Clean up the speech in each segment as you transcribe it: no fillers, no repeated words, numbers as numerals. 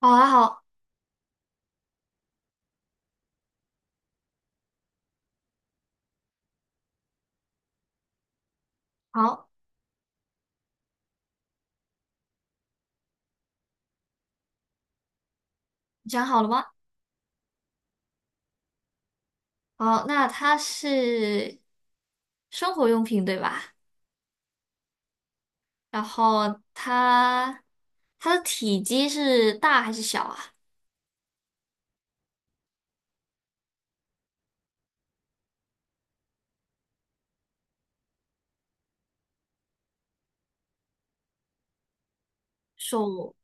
好啊，好，好，你想好了吗？好，那它是生活用品对吧？然后它的体积是大还是小啊？手，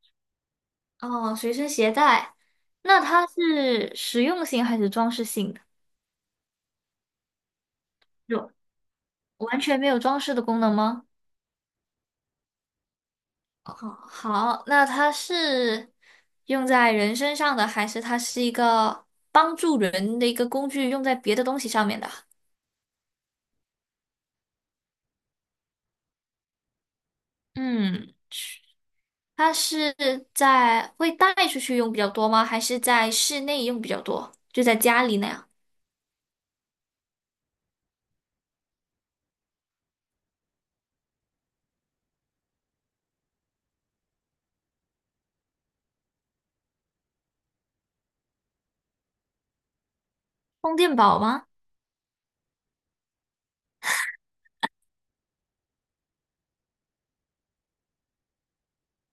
哦，随身携带。那它是实用性还是装饰性的？有完全没有装饰的功能吗？好，好，那它是用在人身上的，还是它是一个帮助人的一个工具，用在别的东西上面的？嗯。它是在会带出去用比较多吗？还是在室内用比较多？就在家里那样，充电宝吗？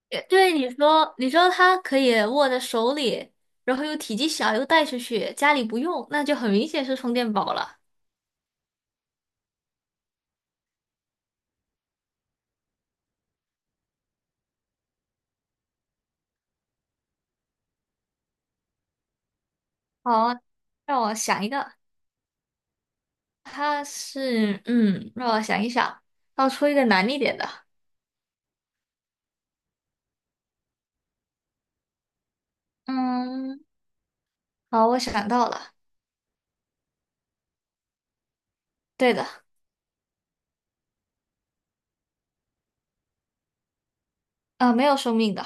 也对，你说它可以握在手里，然后又体积小，又带出去，家里不用，那就很明显是充电宝了。好，让我想一个，它是让我想一想，要出一个难一点的。嗯，好，我想到了，对的，没有生命的，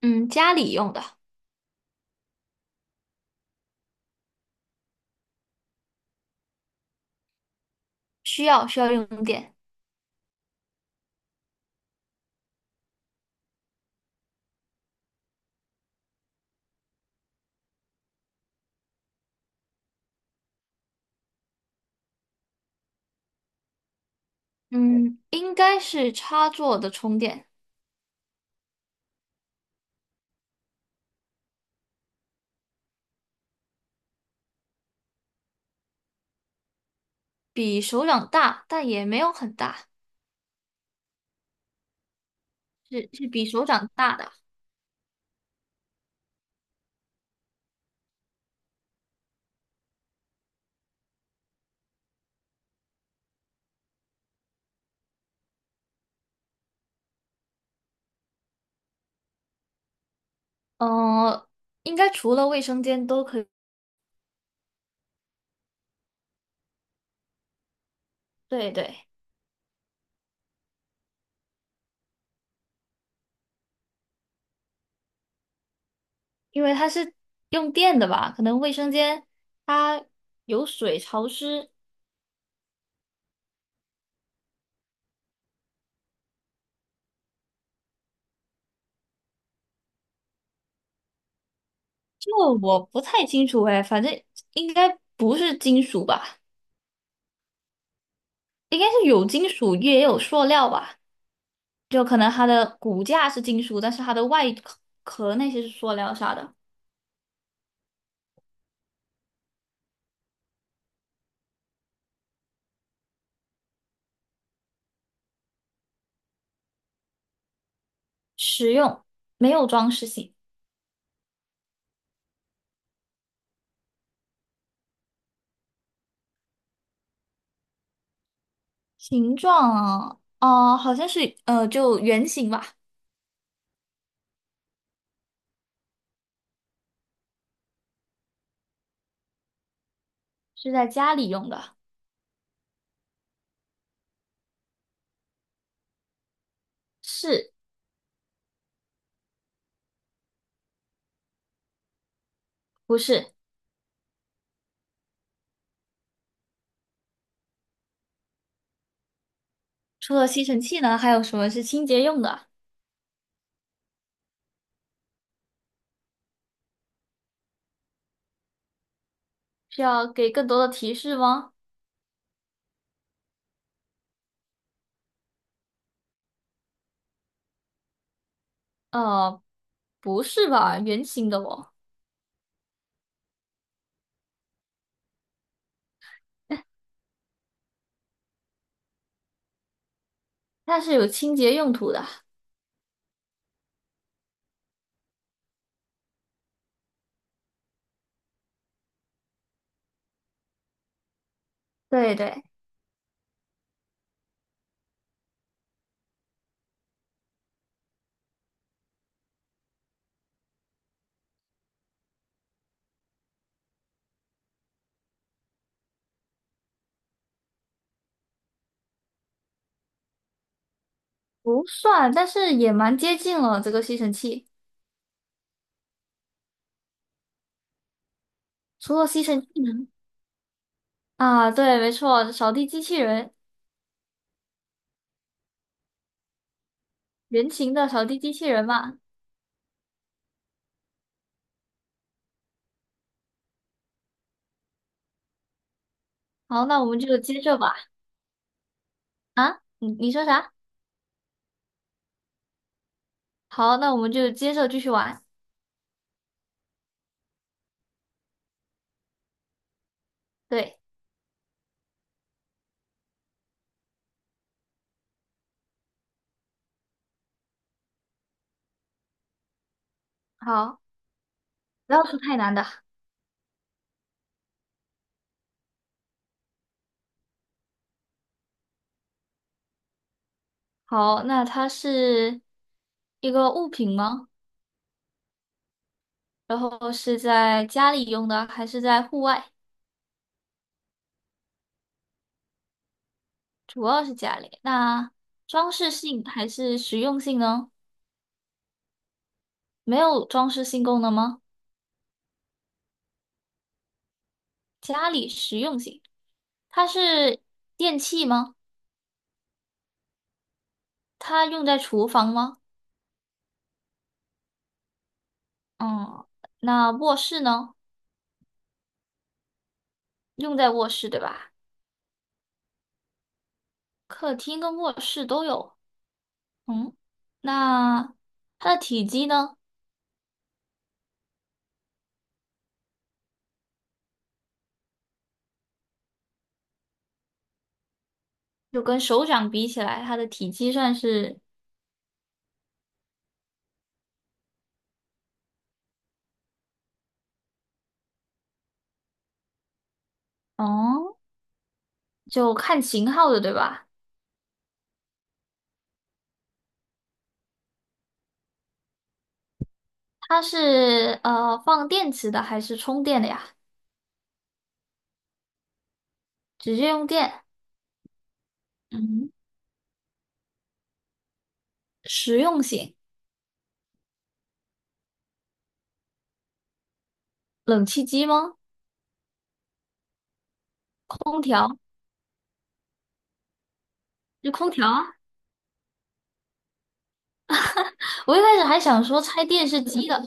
嗯，家里用的，需要用电。嗯，应该是插座的充电，比手掌大，但也没有很大，是比手掌大的。呃，应该除了卫生间都可以。对对，因为它是用电的吧，可能卫生间它有水潮湿，这个我不太清楚哎，反正应该不是金属吧，应该是有金属也有塑料吧，就可能它的骨架是金属，但是它的外壳那些是塑料啥的。实用，没有装饰性。形状啊，哦，好像是就圆形吧，是在家里用的，是不是？除了吸尘器呢，还有什么是清洁用的？需要给更多的提示吗？呃，不是吧，圆形的哦，它是有清洁用途的。对对，不算，但是也蛮接近了这个吸尘器。除了吸尘器呢？啊，对，没错，扫地机器人，圆形的扫地机器人嘛。好，那我们就接着吧。啊，你说啥？好，那我们就接着继续玩。对，好，不要出太难的。好，那它是一个物品吗？然后是在家里用的，还是在户外？主要是家里。那装饰性还是实用性呢？没有装饰性功能吗？家里实用性，它是电器吗？它用在厨房吗？嗯，那卧室呢？用在卧室对吧？客厅跟卧室都有。嗯，那它的体积呢？就跟手掌比起来，它的体积算是，哦，就看型号的，对吧？它是放电池的还是充电的呀？直接用电。嗯，实用型，冷气机吗？空调，就空调啊。我一开始还想说拆电视机的。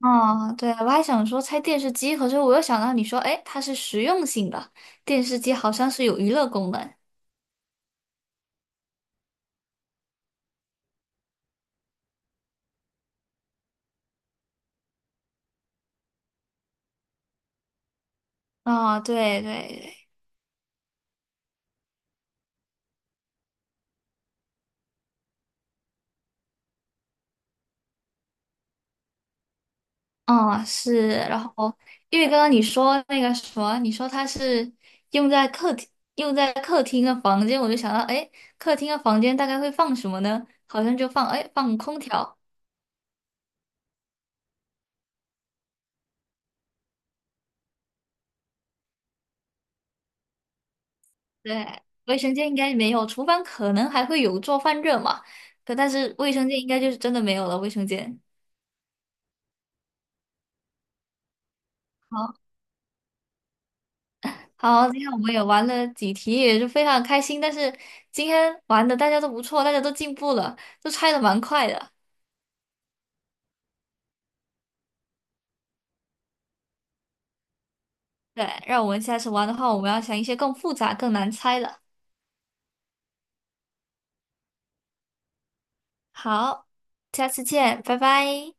啊，对啊，我还想说拆电视机，可是我又想到你说，哎，它是实用性的，电视机好像是有娱乐功能。啊，对对对嗯，是，然后因为刚刚你说那个什么，你说它是用在客厅，用在客厅的房间，我就想到，哎，客厅的房间大概会放什么呢？好像就放，哎，放空调，对，卫生间应该没有，厨房可能还会有做饭热嘛，可但是卫生间应该就是真的没有了，卫生间。好，好，今天我们也玩了几题，也是非常开心，但是今天玩的大家都不错，大家都进步了，都拆的蛮快的。对，让我们下次玩的话，我们要想一些更复杂、更难猜的。好，下次见，拜拜。